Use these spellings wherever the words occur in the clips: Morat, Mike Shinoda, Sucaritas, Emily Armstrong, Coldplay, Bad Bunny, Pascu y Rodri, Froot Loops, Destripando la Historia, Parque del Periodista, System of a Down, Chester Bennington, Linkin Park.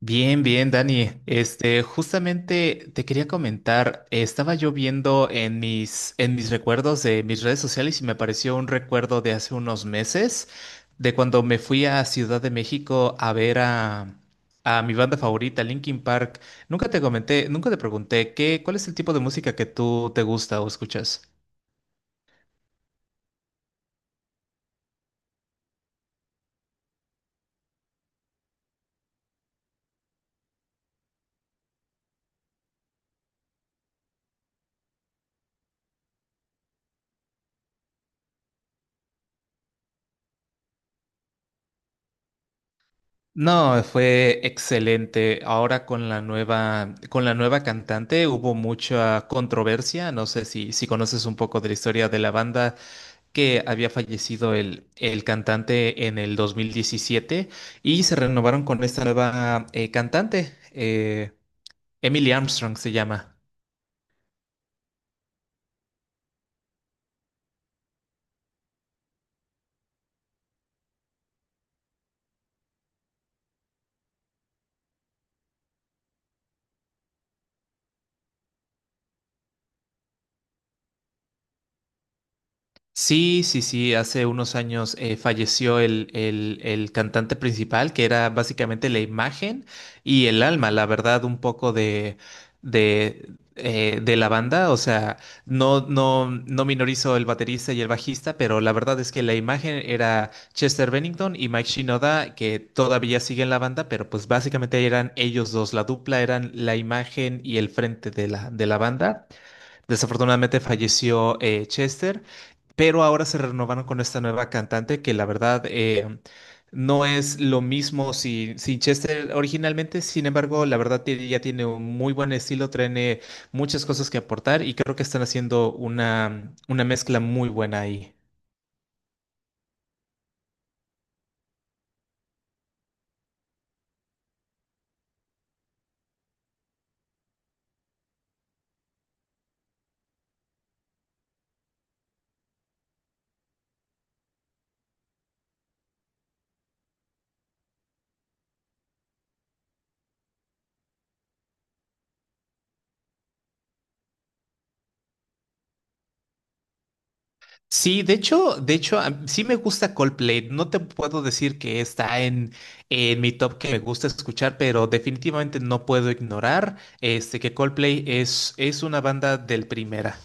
Bien, bien, Dani. Justamente te quería comentar, estaba yo viendo en en mis recuerdos de mis redes sociales y me apareció un recuerdo de hace unos meses, de cuando me fui a Ciudad de México a ver a mi banda favorita, Linkin Park. Nunca te comenté, nunca te pregunté cuál es el tipo de música que tú te gusta o escuchas. No, fue excelente. Ahora con la nueva cantante hubo mucha controversia. No sé si conoces un poco de la historia de la banda que había fallecido el cantante en el 2017 y se renovaron con esta nueva cantante. Emily Armstrong se llama. Sí, sí, sí, hace unos años falleció el cantante principal, que era básicamente la imagen y el alma, la verdad, un poco de la banda. O sea, no minorizo el baterista y el bajista, pero la verdad es que la imagen era Chester Bennington y Mike Shinoda, que todavía siguen la banda, pero pues básicamente eran ellos dos, la dupla eran la imagen y el frente de la banda. Desafortunadamente falleció Chester, pero ahora se renovaron con esta nueva cantante que la verdad no es lo mismo sin Chester originalmente. Sin embargo, la verdad ya tiene un muy buen estilo, tiene muchas cosas que aportar y creo que están haciendo una mezcla muy buena ahí. Sí, de hecho, sí me gusta Coldplay. No te puedo decir que está en mi top que me gusta escuchar, pero definitivamente no puedo ignorar este que Coldplay es una banda del primera.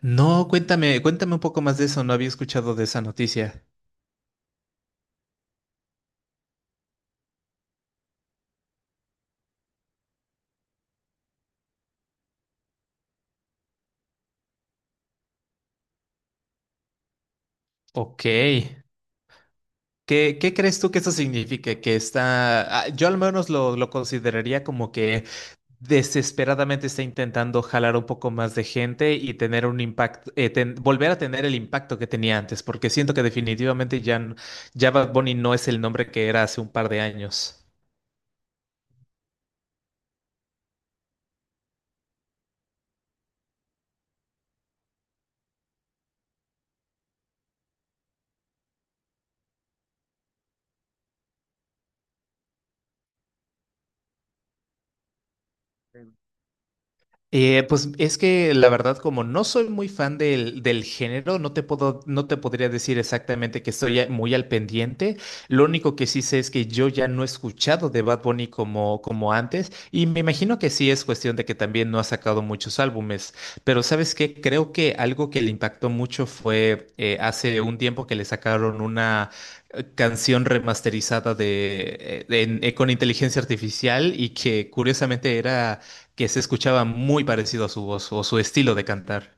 No, cuéntame, cuéntame un poco más de eso. No había escuchado de esa noticia. Ok. ¿Qué, qué crees tú que eso signifique? Que está, ah, yo al menos lo consideraría como que desesperadamente está intentando jalar un poco más de gente y tener un impacto, volver a tener el impacto que tenía antes, porque siento que definitivamente ya Bad Bunny no es el nombre que era hace un par de años. Pues es que la verdad, como no soy muy fan del género, no te puedo, no te podría decir exactamente que estoy muy al pendiente. Lo único que sí sé es que yo ya no he escuchado de Bad Bunny como, como antes, y me imagino que sí es cuestión de que también no ha sacado muchos álbumes. Pero ¿sabes qué? Creo que algo que le impactó mucho fue hace un tiempo que le sacaron una canción remasterizada de con inteligencia artificial y que curiosamente era que se escuchaba muy parecido a su voz o su estilo de cantar.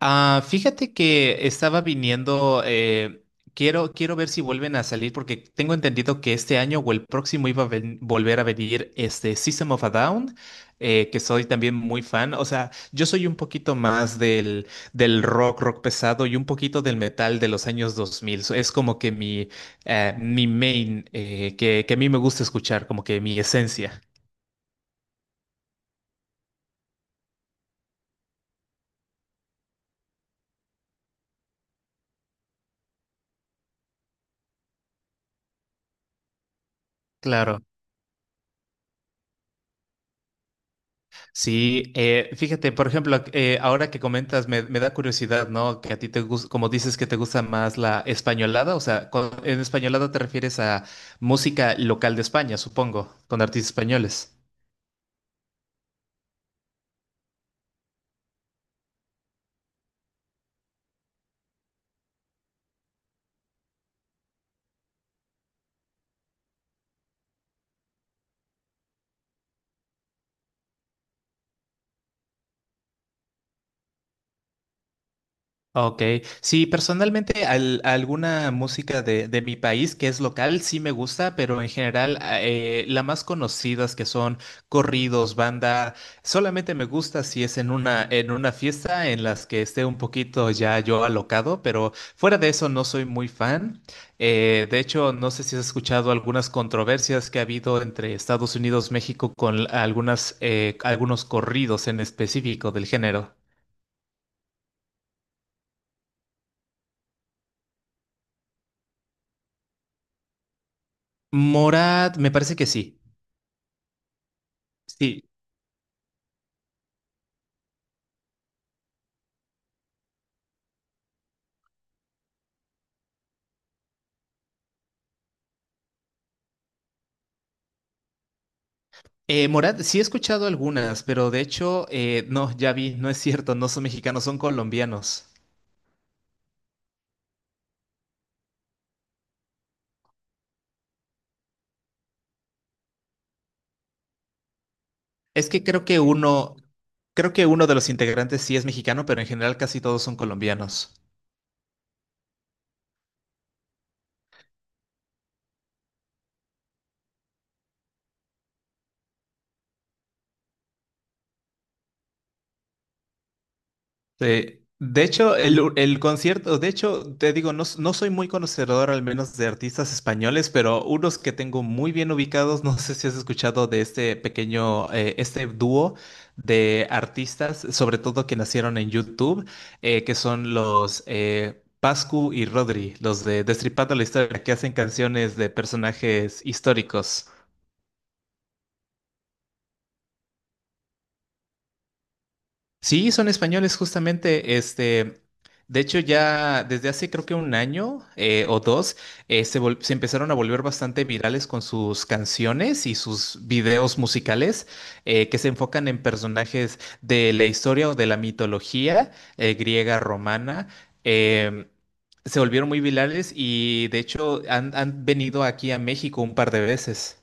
Ah, fíjate que estaba viniendo, quiero ver si vuelven a salir porque tengo entendido que este año o el próximo iba a volver a venir este System of a Down, que soy también muy fan. O sea, yo soy un poquito más del rock, rock pesado y un poquito del metal de los años 2000. So, es como que mi main, que a mí me gusta escuchar, como que mi esencia. Claro. Sí, fíjate, por ejemplo, ahora que comentas, me da curiosidad, ¿no? Que a ti te gusta, como dices que te gusta más la españolada, o sea, en españolada te refieres a música local de España, supongo, con artistas españoles. Ok, sí, personalmente alguna música de mi país que es local sí me gusta, pero en general las más conocidas que son corridos, banda, solamente me gusta si es en una fiesta en las que esté un poquito ya yo alocado, pero fuera de eso no soy muy fan. De hecho, no sé si has escuchado algunas controversias que ha habido entre Estados Unidos, México con algunos corridos en específico del género. Morat, me parece que sí. Sí, Morat, sí he escuchado algunas, pero de hecho, no, ya vi, no es cierto, no son mexicanos, son colombianos. Es que creo que uno de los integrantes sí es mexicano, pero en general casi todos son colombianos. Sí. De hecho, el concierto, de hecho, te digo, no, no soy muy conocedor al menos de artistas españoles, pero unos que tengo muy bien ubicados, no sé si has escuchado de este pequeño, este dúo de artistas, sobre todo que nacieron en YouTube, que son los Pascu y Rodri, los de Destripando la Historia, que hacen canciones de personajes históricos. Sí, son españoles justamente. De hecho, ya desde hace creo que un año o dos, se empezaron a volver bastante virales con sus canciones y sus videos musicales que se enfocan en personajes de la historia o de la mitología griega, romana. Em, Se volvieron muy virales y de hecho han venido aquí a México un par de veces.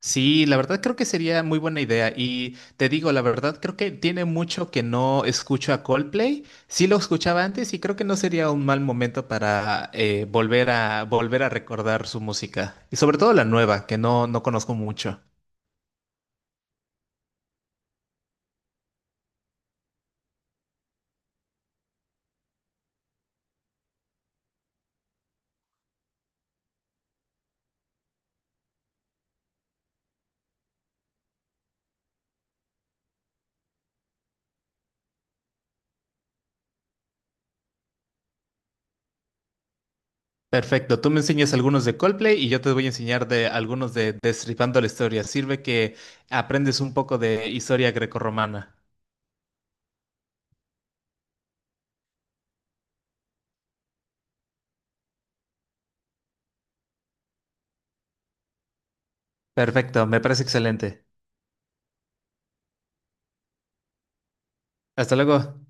Sí, la verdad creo que sería muy buena idea y te digo, la verdad creo que tiene mucho que no escucho a Coldplay. Sí lo escuchaba antes y creo que no sería un mal momento para volver a recordar su música y sobre todo la nueva que no conozco mucho. Perfecto, tú me enseñas algunos de Coldplay y yo te voy a enseñar de algunos de Destripando la Historia. Sirve que aprendes un poco de historia grecorromana. Perfecto, me parece excelente. Hasta luego.